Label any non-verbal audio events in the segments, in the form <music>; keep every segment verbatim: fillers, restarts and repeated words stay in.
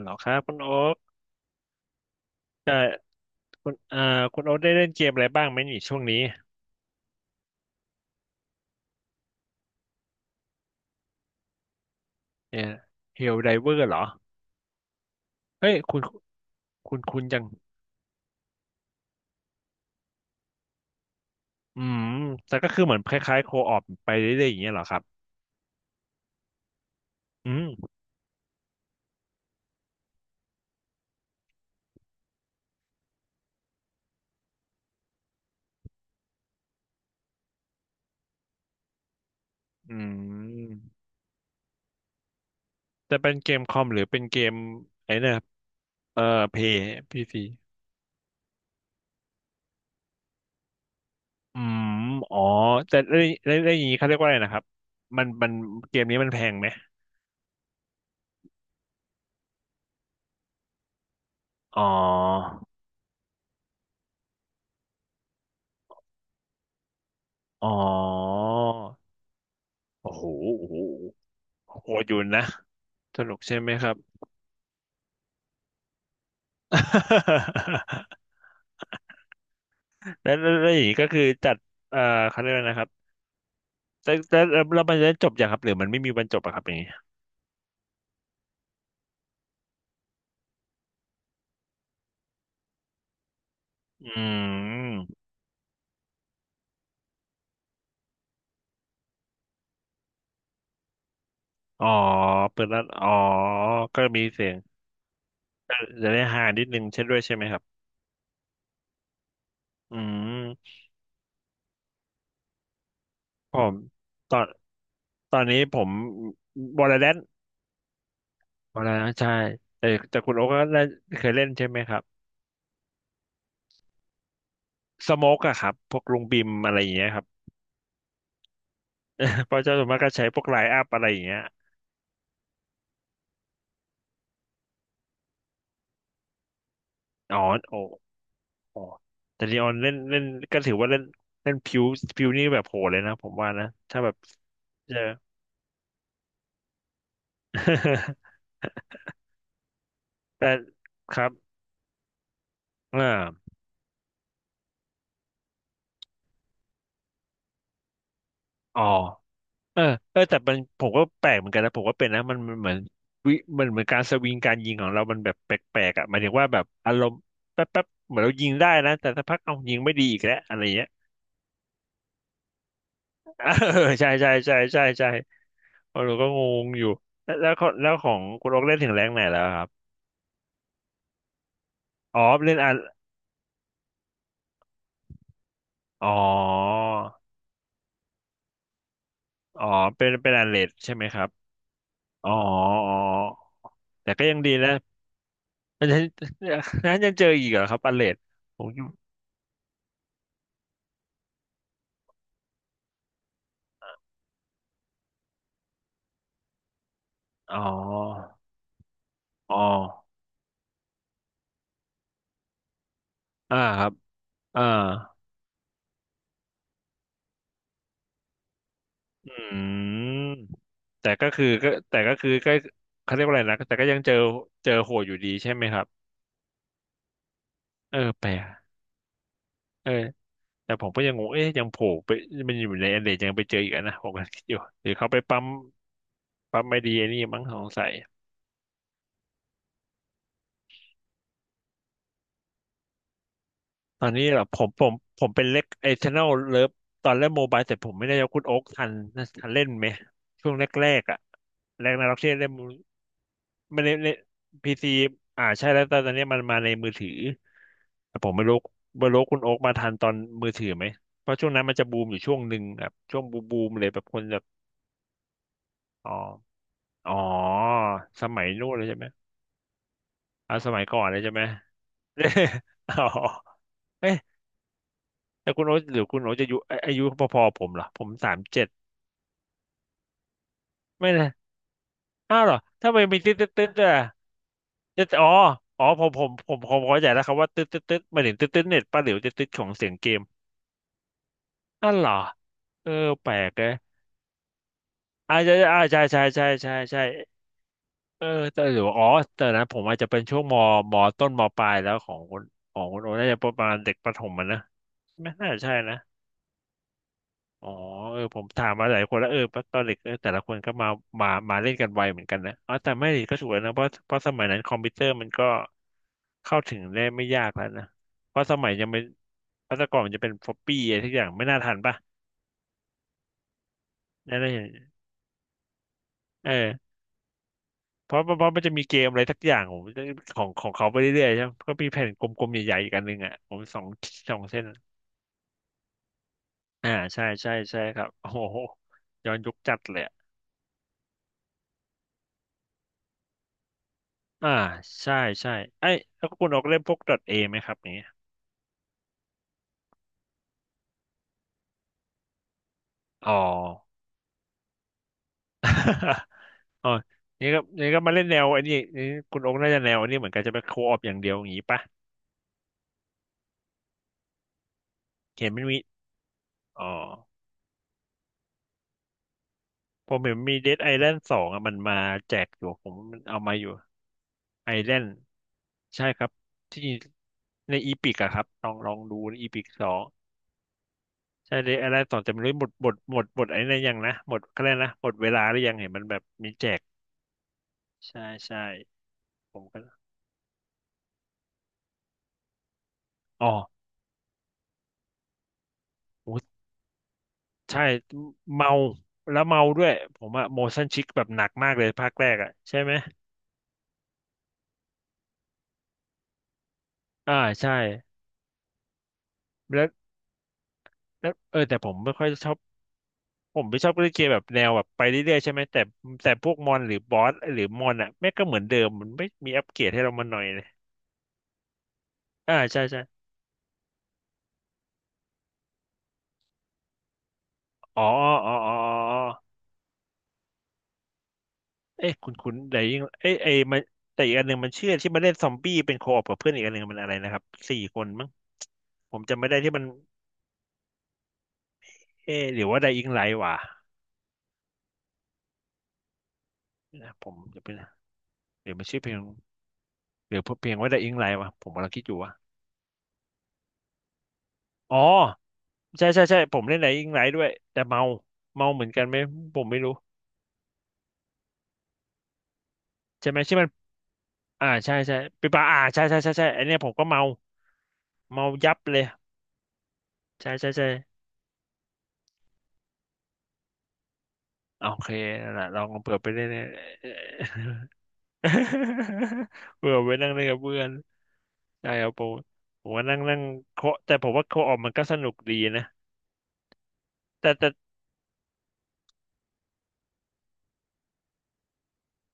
เหรอครับคุณโอ๊คแต่คุณอ่าคุณโอ๊คได้เล่นเกมอะไรบ้างไหมนี่ช่วงนี้เนี่ยเฮลไดเวอร์เหรอเฮ้ยคุณคุณคุณจังอืมแต่ก็คือเหมือนคล้ายๆโคออปไปเรื่อยๆอย่างเงี้ยเหรอครับอืมอืมจะเป็นเกมคอมหรือเป็นเกมไอ้เนี่ยเอ่อเพย์พีซีอืมอ๋อแต่เรื่องเรื่องเรื่องอย่างนี้เขาเรียกว่าอะไรนะครับมันมันเกมนี้มันแพงไหมอ๋ออ๋อโอ้โหโอ้โห โหดอยู่นะสนุกใช่ไหมครับ <laughs> แล้วแล้วแล้วอย่างนี้ก็คือจัดเอ่อเขาเรียกว่นะครับแต่แต่แล้วมันจะจบอย่างครับหรือมันไม่มีวันจบอะครับอย่างนี้อืมอ๋อเปิดแล้วอ๋อก็มีเสียงก็จะได้ฮานิดนึงเช่นด้วยใช่ไหมครับอืมผมตอนตอนนี้ผมวอลเลย์แลนวอลเลนใช่แต่แต่คุณโอ๊กก็ได้เคยเล่นใช่ไหมครับสโมกอะครับพวกลุงบิมอะไรอย่างเงี้ยครับ <laughs> เพราะเจ้าส่วนมากก็ใช้พวกไลน์อัพอะไรอย่างเงี้ย อ๋อโอ้อ๋อแต่ลีออนเล่นเล่นก็ถือว่าเล่นเล่นผิวผิวนี่แบบโหดเลยนะผมว่านะถ้าแบบเจอ <laughs> แต่ครับอ่าอ๋อเออเออแต่มันผมก็แปลกเหมือนกันนะผมก็เป็นนะมันมันเหมือนวิมันเหมือนการสวิงการยิงของเรามันแบบแปลกๆอ่ะหมายถึงว่าแบบอารมณ์แป๊บแป๊บเหมือนเรายิงได้นะแต่สักพักเอายิงไม่ดีอีกแล้วอะไรเงี้ย <laughs> เออใช่ใช่ใช่ใช่ใช่เราก็งงอยู่แล้วแล้วของแล้วของคุณโอ๊กเล่นถึงแรงไหนแล้วครับอ๋อเล่น อ๋ออ๋อเป็นเป็นอันเลดใช่ไหมครับอ๋ออ๋อแต่ก็ยังดีนะ <laughs> มันจะนั้นยังเจออีกเหรอครับอันเลดผมอยู่อ๋ออ๋ออ่าครับอ่าอืมแต่ก็คือก็แต่ก็คือก็เขาเรียกว่าอะไรนะแต่ก็ยังเจอเจอโหดอยู่ดีใช่ไหมครับเออแปลกเออแต่ผมก็ยังงงเอ๊ะยังโผล่ไปมันอยู่ในอันเลดยังไปเจออีกอะนะผมก็คิดอยู่หรือเขาไปปั๊มปั๊มไม่ดีไอ้นี่มั้งสงสัย ตอนนี้เหรอผมผมผมเป็นเล็กไอชแนลเลิฟตอนเล่นโมบายแต่ผมไม่ได้ยกคุณโอ๊คทันทันเล่นไหมช่วงแรกๆอ่ะแรกนาร็อกเช่เล่นไม่เล่นเล่นพีซีอ่าใช่แล้วแต่ตอนนี้มันมาในมือถือแต่ผมไม่รู้ไม่รู้คุณโอ๊คมาทันตอนมือถือไหมเพราะช่วงนั้นมันจะบูมอยู่ช่วงหนึ่งแบบช่วงบูมบูมเลยแบบคนแบบอ๋ออ๋อสมัยนู้นเลยใช่ไหมอ่าสมัยก่อนเลยใช่ไหมเอ๋ <laughs> อเอ๊ะแต่คุณโอ๊ตหรือคุณโอ๊ตจะอายุอายุพอๆผมเหรอผมสามเจ็ด ไม่นะอ้าวเหรอถ้าไม่นมีตึ๊ดตึ๊ดตึ๊ดด้วยอะจะอ๋ออ๋อผมผมผมผมเข้าใจแล้วครับว่าตึ๊ดตึ๊ดตึ๊ดหมายถึงตึ๊ดตึ๊ดเน็ตป้าหลิวจะตึ๊ดของเสียงเกมอ้าวเหรอเออแปลกเลยอาจจะอ่าใช่ใช่ใช่ใช่ใช่เออแต่หรือว่าอ๋อแต่นะผมอาจจะเป็นช่วงมมต้นมปลายแล้วของคนของคนโอน่าจะประมาณเด็กประถมมันนะไม่น่าใช่นะ อ๋อเออผมถามมาหลายคนแล้วเออตอนเด็กเออแต่ละคนก็มามามาเล่นกันไวเหมือนกันนะอ๋อแต่ไม่ก็ถูกแล้วนะเพราะเพราะสมัยนั้นคอมพิวเตอร์มันก็เข้าถึงได้ไม่ยากแล้วนะเพราะสมัยยังไม่เพราะแต่ก่อนมันจะเป็นฟอปปี้อะไรทุกอย่างไม่น่าทันป่ะนั่นเองเออเพราะเพราะเพราะมันจะมีเกมอะไรสักอย่างผมของของเขาไปเรื่อยๆใช่ไหมก็มีแผ่นกลมๆใหญ่ๆอีกอันหนึ่งอ่ะผมสองสองเส้นอ่าใช่ใช่ใช่ครับโอ้โหย้อนยุคจัดเลย อ่าใช่ใช่ไอ้ยแล้วคุณออกเล่นพวก .a ไหมครับอย่างเงี้ยอ๋อ <laughs> อ๋อนี่ก็นี่ก็มาเล่นแนวไอ้นี่นี่คุณโอ๊คน่าจะแนวอันนี้เหมือนกันจะไปโคออปอย่างเดียวอย่างนี้ปะเห็นมันมีอ๋อผมเห็นมีเดดไอแลนด์สองอะมันมาแจกอยู่ผมมันเอามาอยู่ไอแลนด์ใช่ครับที่ในอีพิกอะครับลองลองดูในอีพิกสองใช่เดดไอแลนด์สองจะไม่รู้หมดหมดหมดหมดไอ้นั่นยังนะหมดเขแเรนะหมดเวลาหรือยังเห็นมันแบบมีแจกใช่ใช่ผมก็อ๋อ โอ้ใช่เมาแล้วเมาด้วยผมอะ motion sick แบบหนักมากเลยภาคแรกอะใช่ไหมอ่าใช่แล้วแล้วเออแต่ผมไม่ค่อยชอบผมไม่ชอบเล่นเกมแบบแนวแบบไปเรื่อยๆใช่ไหมแต่แต่พวกมอนหรือบอสหรือมอนอะแม่งก็เหมือนเดิมมันไม่มีอัปเกรดให้เรามาหน่อยเลยอ่าใช่ใช่อ๋ออ๋ออ๋ออ๋อเอ้ยคุณคุณแต่ยิ่งเอ้ยเอ้ยมันแต่อีกอันหนึ่งมันเชื่อที่มนเล่นซอมบี้เป็นโคออปกับเพื่อนอีกอันหนึ่งมันอะไรนะครับสี่คนมั้งผมจำไม่ได้ที่มันเอ๊ะหรือว่าไดอิงไลท์วะ นะผมเดี๋ยวไปนะเดี๋ยวมันชื่อเพลงเดี๋ยวเพียงว่า The Ink Light วะผมกำลังคิดอยู่ว่าอ๋อใช่ใช่ใช่ผมเล่นไหนอิงไ i ด้วยแต่เมาเมาเหมือนกันไหมผมไม่รู้ใช่ไหมใช่มันอ่าใช่ใช่ปีปาอ่าใช่ใช่ใช่ใช่ไอเนี้ยผมก็เมาเมายับเลยใช่ใช่ใช่โอเคนั่นแหละลองเปิดไปเล่นเล่ย <laughs> เปิดไปนั่งเล่นกับเพื่อนใช่ครับผมผมว่านั่งนั่งเคาะแต่ผมว่าเคาะออกมันก็สนุกดีนะแต่แต่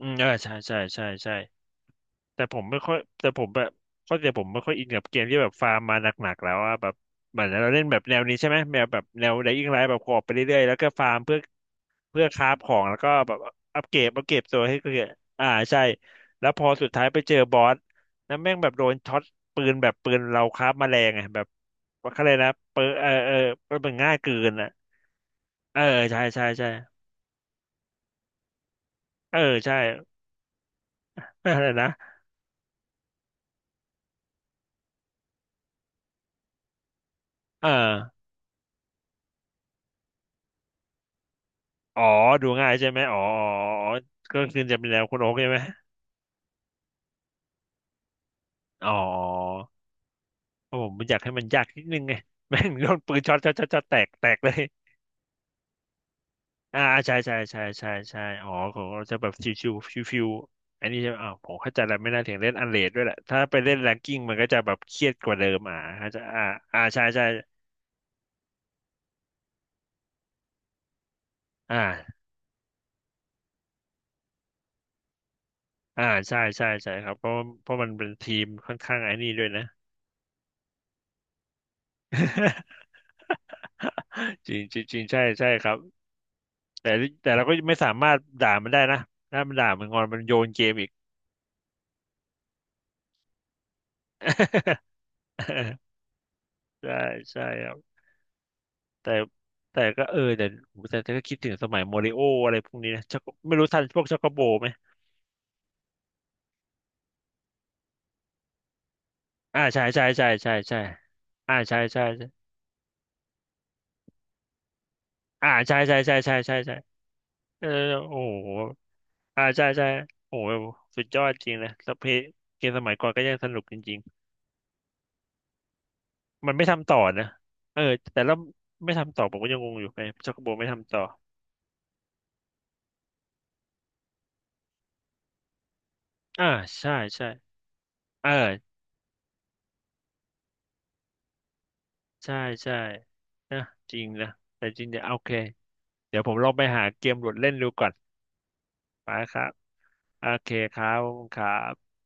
อืมเออใช่ใช่ใช่ใช่ แต่ผมไม่ค่อยแต่ผมแบบเข้าใผมไม่ค่อยอินกับเกมที่แบบฟาร์มมาหนักๆแล้วอะแบบเหมือนเราเล่นแบบแนวนี้ใช่ไหมแนวแบบแนวไดอิ่งไลท์แบบขออไปเรื่อยๆแล้วก็ฟาร์มเพื่อเพื่อคราฟของแล้วก็แบบอัปเกรดอัปเกรดตัวให้เกิดอ่าใช่แล้วพอสุดท้ายไปเจอบอสแล้วแม่งแบบโดนช็อตปืนแบบปืนเราคราฟมาแรงไงแบบว่าเขาเลยกนะเปอเออเออมันเป็นง่ายเกินอ่ะเออใช่ใช่ใช่เออใช่อะไรนะเอออ๋อดูง่ายใช่ไหมอ๋ออ๋ออ๋อก็คือจะเป็นแนวคุณโอ๊กใช่ไหม อ๋อเพราะผมอยากให้มันยากนิดนึงไง <laughs> แม่งโดนปืนช็อตช็อตช็อตช็อตแตกแตกเลยอ่าใช่ใช่ใช่ใช่ใช่อ๋อเขาจะแบบชิวชิวชิวชิวๆอันนี้ใช่ไหมอ๋อผมเข้าใจแล้วไม่น่าถึงเล่นอันเลดด้วยแหละถ้าไปเล่นแรงกิ้งมันก็จะแบบเครียดกว่าเดิมอ่าเข้าใจอ่าอ่าใช่ใช่อ่าอ่าใช่ใช่ใช่ครับเพราะเพราะมันเป็นทีมค่อนข้างไอ้นี่ด้วยนะ <laughs> จริงจริงจริงใช่ใช่ครับแต่แต่เราก็ไม่สามารถด่ามันได้นะถ้ามันด่ามันงอนมันโยนเกมอีก <laughs> ใช่ใช่ครับแต่แต่ก็เออแต่ผมแต่แต่ก็คิดถึงสมัยโมริโออะไรพวกนี้นะชักไม่รู้ทันพวกชอกโกโบไหมอ่าใช่ใช่ใช่ใช่ใช่อ่าใช่ใช่ใช่อ่าใช่ใช่ใช่ใช่ใช่ใช่เออโอ้โหอ่าใช่ใช่โอ้โหสุดยอดจริงนะแล้วเพลงเกมสมัยก่อนก็ยังสนุกจริงๆมันไม่ทำต่อนะเออแต่แล้วไม่ทำต่อผมก็ยังงงอยู่ไงชอกโกโบไม่ทำต่ออ่าใช่ใช่เออใช่ใช่นะจริงนะแต่จริงเนี่ยโอเค เดี๋ยวผมลองไปหาเกมโหลดเล่นดูก่อนไปครับ โอเคครับขอบคุณครับ